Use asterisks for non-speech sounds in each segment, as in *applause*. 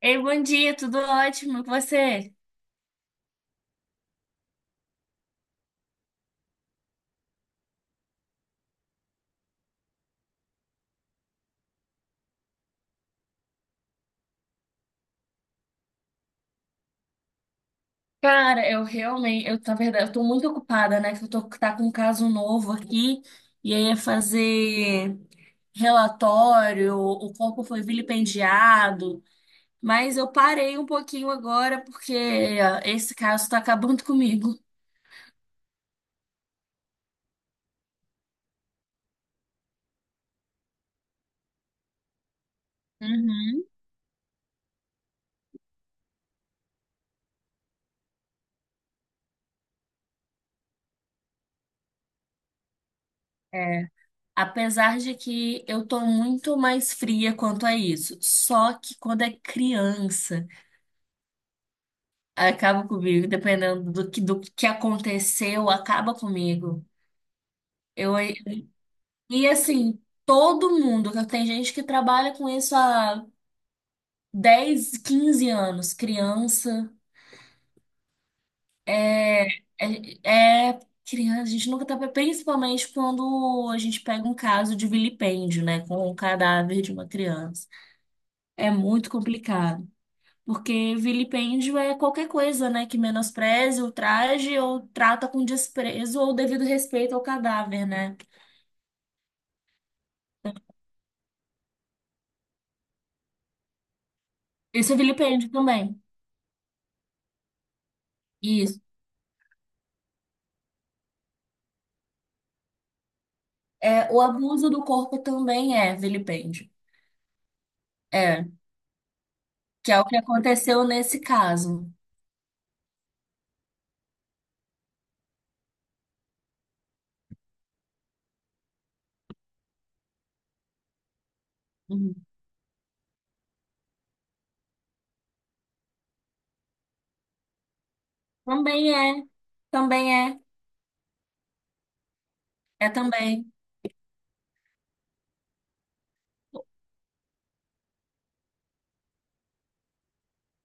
Ei, bom dia, tudo ótimo, e você? Cara, eu realmente, na verdade, eu tô muito ocupada, né? Que eu tô tá com um caso novo aqui, e aí é fazer relatório, o corpo foi vilipendiado, mas eu parei um pouquinho agora porque ó, esse caso tá acabando *laughs* comigo. Uhum. É. Apesar de que eu tô muito mais fria quanto a isso, só que quando é criança. Acaba comigo, dependendo do que aconteceu, acaba comigo. Eu, e assim, todo mundo, que tem gente que trabalha com isso há 10 15 anos, criança, é, é criança, a gente nunca tá, principalmente quando a gente pega um caso de vilipêndio, né, com o cadáver de uma criança. É muito complicado. Porque vilipêndio é qualquer coisa, né, que menospreze, ultraje ou trata com desprezo ou devido respeito ao cadáver, né? Isso é vilipêndio também. Isso. É, o abuso do corpo também é vilipêndio. É, que é o que aconteceu nesse caso. Uhum. Também é, também é, é também.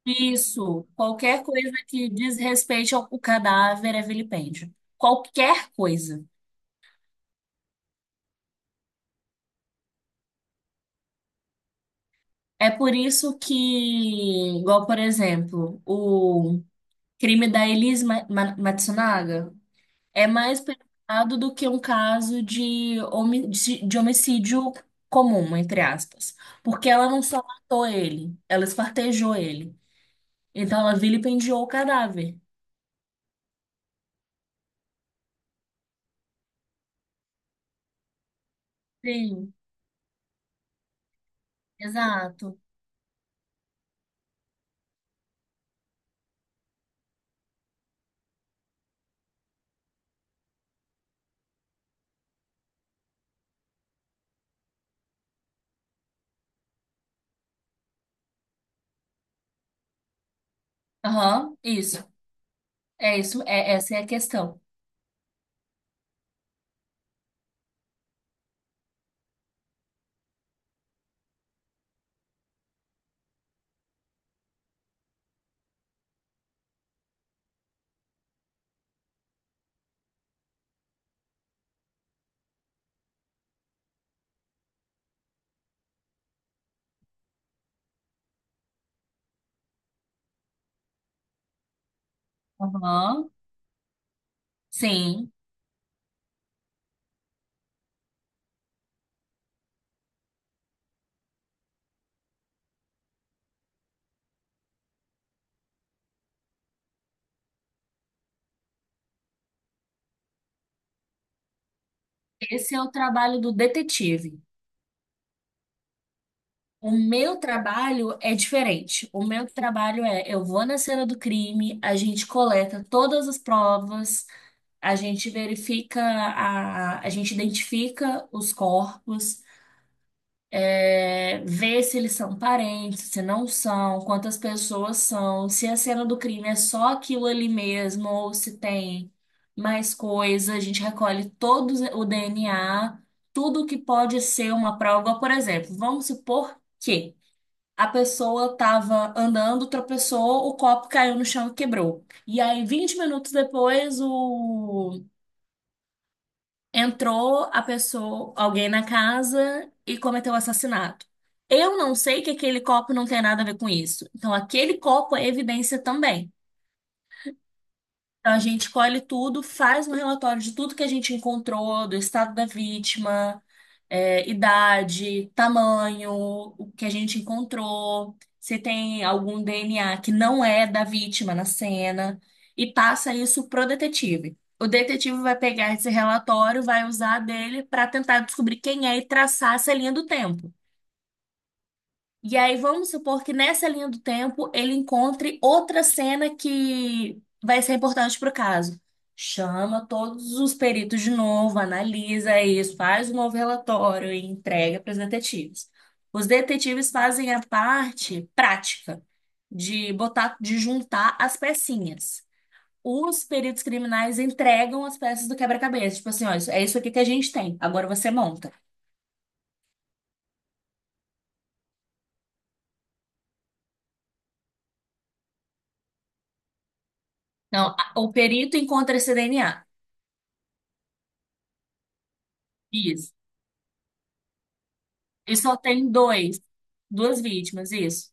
Isso. Qualquer coisa que desrespeite o cadáver é vilipêndio. Qualquer coisa. É por isso que, igual, por exemplo, o crime da Elis Matsunaga é mais pesado do que um caso de homicídio comum, entre aspas. Porque ela não só matou ele, ela esfartejou ele. Então ela vilipendiou o cadáver. Sim, exato. Aham, isso. É isso, essa é a questão. Aham, sim. Esse é o trabalho do detetive. O meu trabalho é diferente. O meu trabalho é, eu vou na cena do crime, a gente coleta todas as provas, a gente verifica, a gente identifica os corpos, vê se eles são parentes, se não são, quantas pessoas são, se a cena do crime é só aquilo ali mesmo ou se tem mais coisa. A gente recolhe todo o DNA, tudo que pode ser uma prova. Por exemplo, vamos supor que a pessoa tava andando, tropeçou, o copo caiu no chão e quebrou. E aí, 20 minutos depois, entrou a pessoa, alguém na casa e cometeu o assassinato. Eu não sei que aquele copo não tem nada a ver com isso. Então, aquele copo é evidência também. Então, a gente colhe tudo, faz um relatório de tudo que a gente encontrou, do estado da vítima, idade, tamanho, o que a gente encontrou, se tem algum DNA que não é da vítima na cena, e passa isso pro detetive. O detetive vai pegar esse relatório, vai usar dele para tentar descobrir quem é e traçar essa linha do tempo. E aí vamos supor que nessa linha do tempo ele encontre outra cena que vai ser importante para o caso. Chama todos os peritos de novo, analisa isso, faz um novo relatório e entrega para os detetives. Os detetives fazem a parte prática de botar, de juntar as pecinhas. Os peritos criminais entregam as peças do quebra-cabeça, tipo assim, ó, é isso aqui que a gente tem. Agora você monta. Então o perito encontra esse DNA. Isso. E só tem dois, duas vítimas, isso.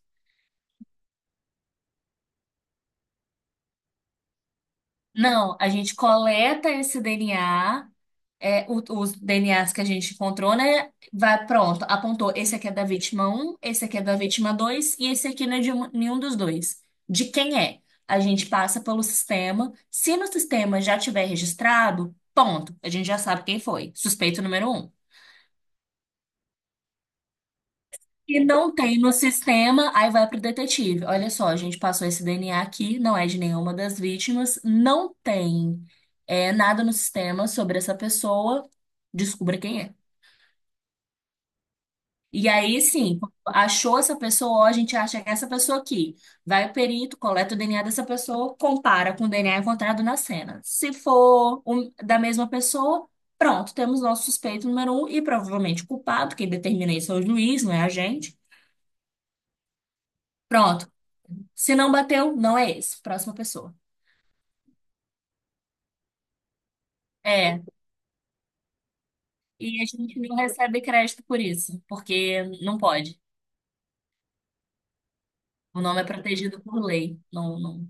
Não, a gente coleta esse DNA, os DNAs que a gente encontrou, né? Vai, pronto, apontou. Esse aqui é da vítima um, esse aqui é da vítima 2 e esse aqui não é de nenhum dos dois. De quem é? A gente passa pelo sistema. Se no sistema já tiver registrado, ponto. A gente já sabe quem foi. Suspeito número um. E não tem no sistema, aí vai pro detetive. Olha só, a gente passou esse DNA aqui, não é de nenhuma das vítimas, não tem nada no sistema sobre essa pessoa, descubra quem é. E aí, sim, achou essa pessoa, ó, a gente acha que é essa pessoa aqui. Vai o perito, coleta o DNA dessa pessoa, compara com o DNA encontrado na cena. Se for da mesma pessoa, pronto, temos nosso suspeito número um e provavelmente o culpado, quem determina isso é o juiz, não é a gente. Pronto. Se não bateu, não é esse. Próxima pessoa. É. E a gente não recebe crédito por isso, porque não pode. O nome é protegido por lei. Não, não.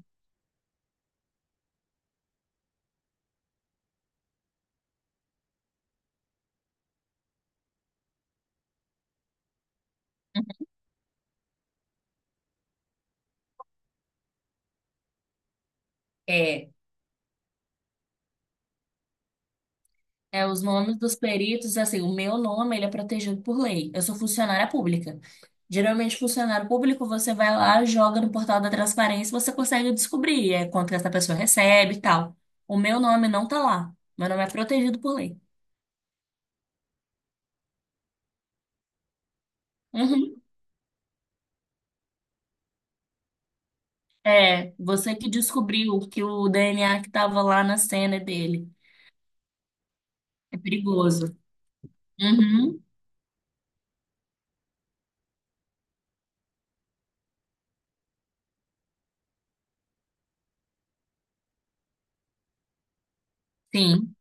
É. É, os nomes dos peritos, assim, o meu nome, ele é protegido por lei. Eu sou funcionária pública. Geralmente, funcionário público, você vai lá, joga no portal da transparência, você consegue descobrir quanto que essa pessoa recebe e tal. O meu nome não tá lá. Meu nome é protegido por lei. Uhum. É, você que descobriu que o DNA que estava lá na cena é dele. É perigoso. Uhum, sim,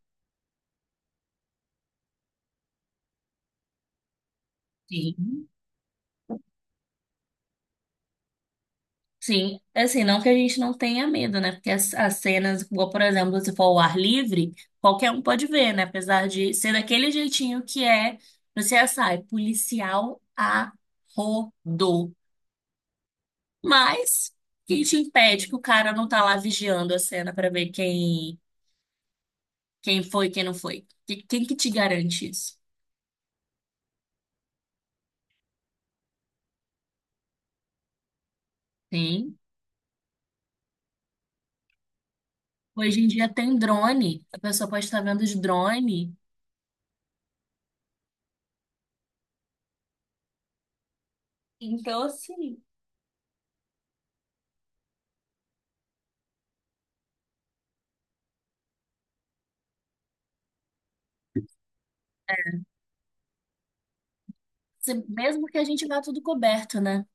sim, sim. É, assim, não que a gente não tenha medo, né? Porque as cenas, igual, por exemplo, se for ao ar livre, qualquer um pode ver, né? Apesar de ser daquele jeitinho que é no CSI, policial a rodo. Mas, quem te impede que o cara não tá lá vigiando a cena para ver quem foi e quem não foi? Quem que te garante isso? Sim. Hoje em dia tem drone, a pessoa pode estar vendo de drone. Então, assim, mesmo que a gente vá tudo coberto, né?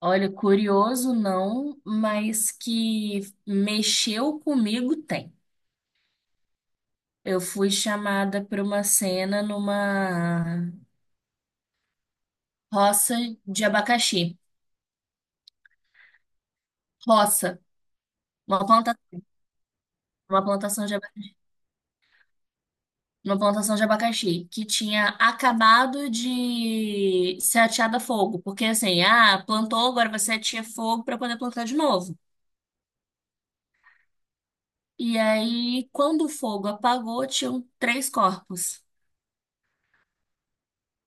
Olha, curioso não, mas que mexeu comigo tem. Eu fui chamada para uma cena numa roça de abacaxi. Roça, uma planta, uma plantação de uma plantação de abacaxi que tinha acabado de ser ateada a fogo, porque assim, ah, plantou, agora você atia fogo para poder plantar de novo. E aí, quando o fogo apagou, tinham três corpos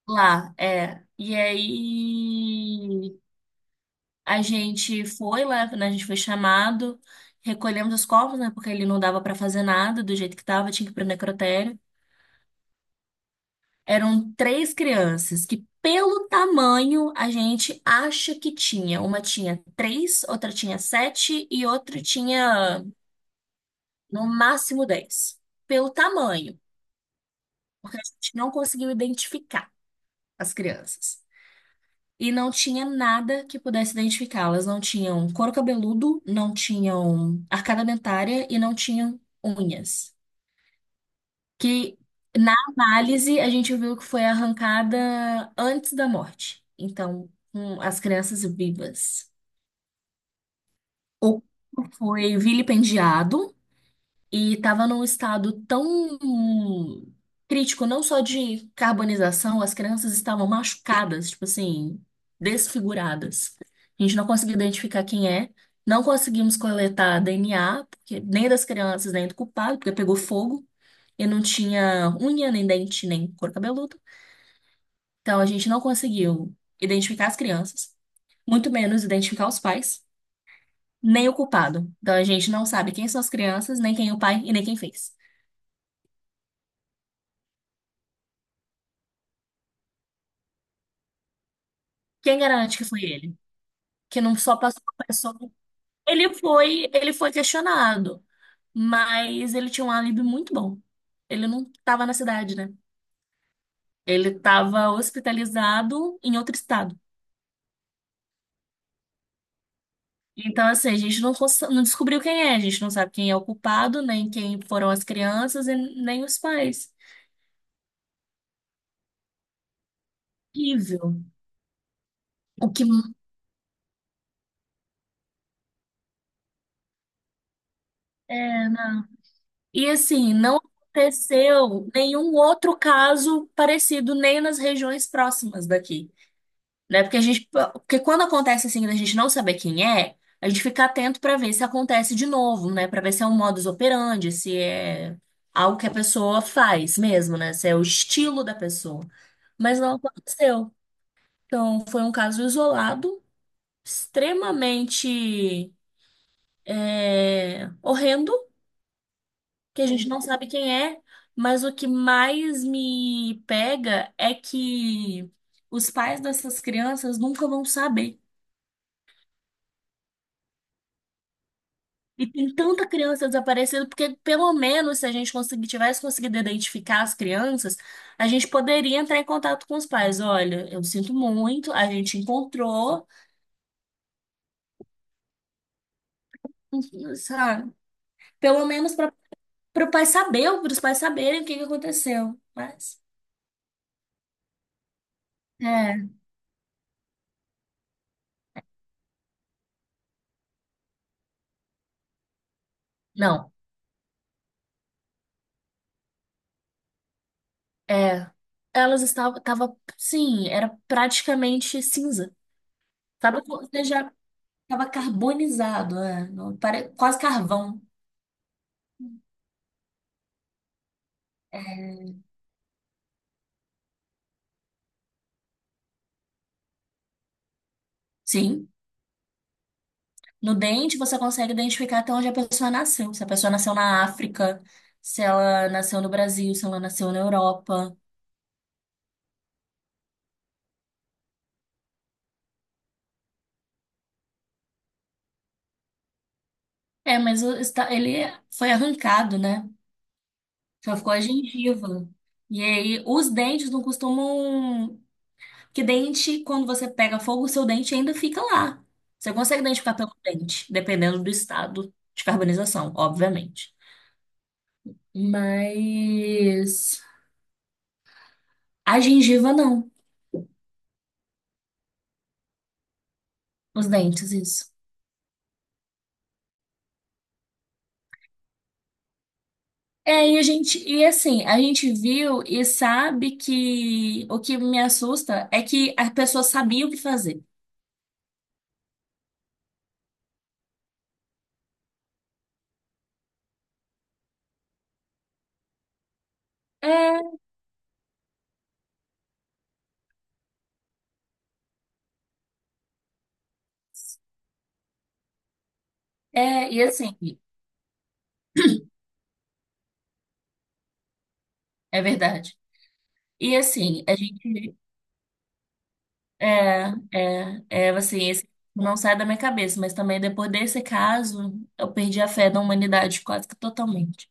lá, é. E aí a gente foi lá, né, a gente foi chamado, recolhemos os corpos, né, porque ele não dava para fazer nada do jeito que tava, tinha que ir pro necrotério. Eram três crianças que, pelo tamanho, a gente acha que tinha. Uma tinha 3, outra tinha 7 e outra tinha no máximo 10. Pelo tamanho, porque a gente não conseguiu identificar as crianças. E não tinha nada que pudesse identificá-las. Não tinham couro cabeludo, não tinham arcada dentária e não tinham unhas. Que na análise a gente viu que foi arrancada antes da morte. Então, com as crianças vivas. O corpo foi vilipendiado e estava num estado tão crítico, não só de carbonização, as crianças estavam machucadas, tipo assim, desfiguradas. A gente não conseguiu identificar quem é. Não conseguimos coletar DNA, porque nem das crianças, nem do culpado, porque pegou fogo e não tinha unha, nem dente, nem couro cabeludo. Então, a gente não conseguiu identificar as crianças, muito menos identificar os pais, nem o culpado. Então, a gente não sabe quem são as crianças, nem quem é o pai e nem quem fez. Quem garante que foi ele? Que não só passou a pessoa. Ele foi questionado, mas ele tinha um álibi muito bom. Ele não estava na cidade, né? Ele estava hospitalizado em outro estado. Então, assim, a gente não descobriu quem é, a gente não sabe quem é o culpado, nem quem foram as crianças e nem os pais. Horrível. O que é, né? E assim, não aconteceu nenhum outro caso parecido nem nas regiões próximas daqui, né? Porque quando acontece assim, da gente não saber quem é, a gente fica atento para ver se acontece de novo, né? Para ver se é um modus operandi, se é algo que a pessoa faz mesmo, né? Se é o estilo da pessoa. Mas não aconteceu. Então, foi um caso isolado, extremamente horrendo. Que a gente não sabe quem é, mas o que mais me pega é que os pais dessas crianças nunca vão saber. E tem tanta criança desaparecida, porque pelo menos se a gente conseguir, tivesse conseguido identificar as crianças, a gente poderia entrar em contato com os pais. Olha, eu sinto muito, a gente encontrou, sabe? Pelo menos para o pai saber, para os pais saberem o que que aconteceu. Mas, é, não. É, elas estavam, tava, sim, era praticamente cinza. Tava, já tava carbonizado, não, quase carvão. É, sim, no dente você consegue identificar até onde a pessoa nasceu. Se a pessoa nasceu na África, se ela nasceu no Brasil, se ela nasceu na Europa. É, mas ele foi arrancado, né? Só ficou a gengiva. E aí, os dentes não costumam. Que dente, quando você pega fogo, o seu dente ainda fica lá. Você consegue identificar pelo dente, dependendo do estado de carbonização, obviamente. Mas a gengiva não, os dentes, isso. É, e a gente, e assim, a gente viu e sabe que o que me assusta é que a pessoa sabia o que fazer. É, é, e assim, é verdade. E assim, a gente. É, é, assim, esse não sai da minha cabeça, mas também depois desse caso, eu perdi a fé na humanidade quase que totalmente.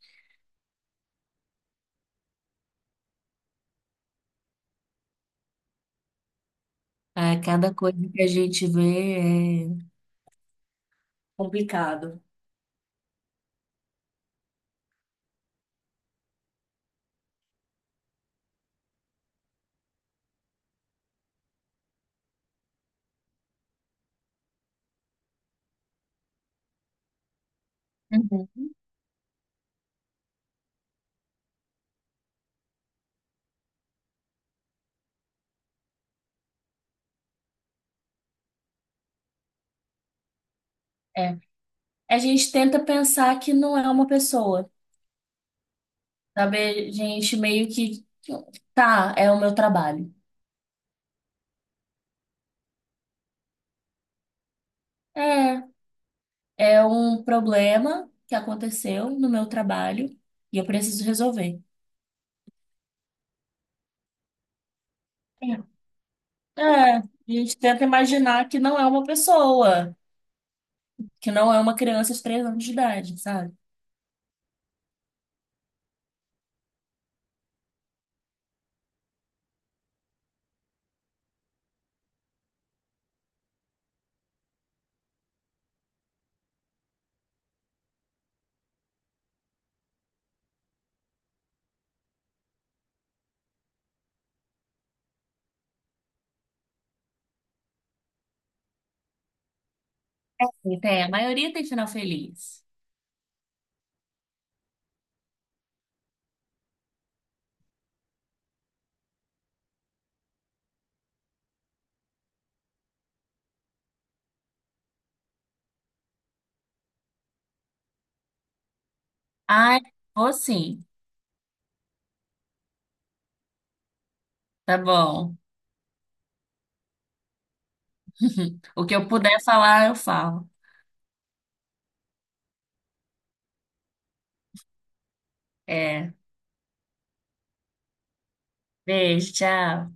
É, cada coisa que a gente vê é complicado. Uhum, é. A gente tenta pensar que não é uma pessoa, sabe? A gente meio que, tá, é o meu trabalho. É, é um problema que aconteceu no meu trabalho e eu preciso resolver. É, É, a gente tenta imaginar que não é uma pessoa. Que não é uma criança de 3 anos de idade, sabe? E tem, a maioria tem final feliz. Ai, vou sim. Tá bom. *laughs* O que eu puder falar, eu falo. É. Beijo, tchau.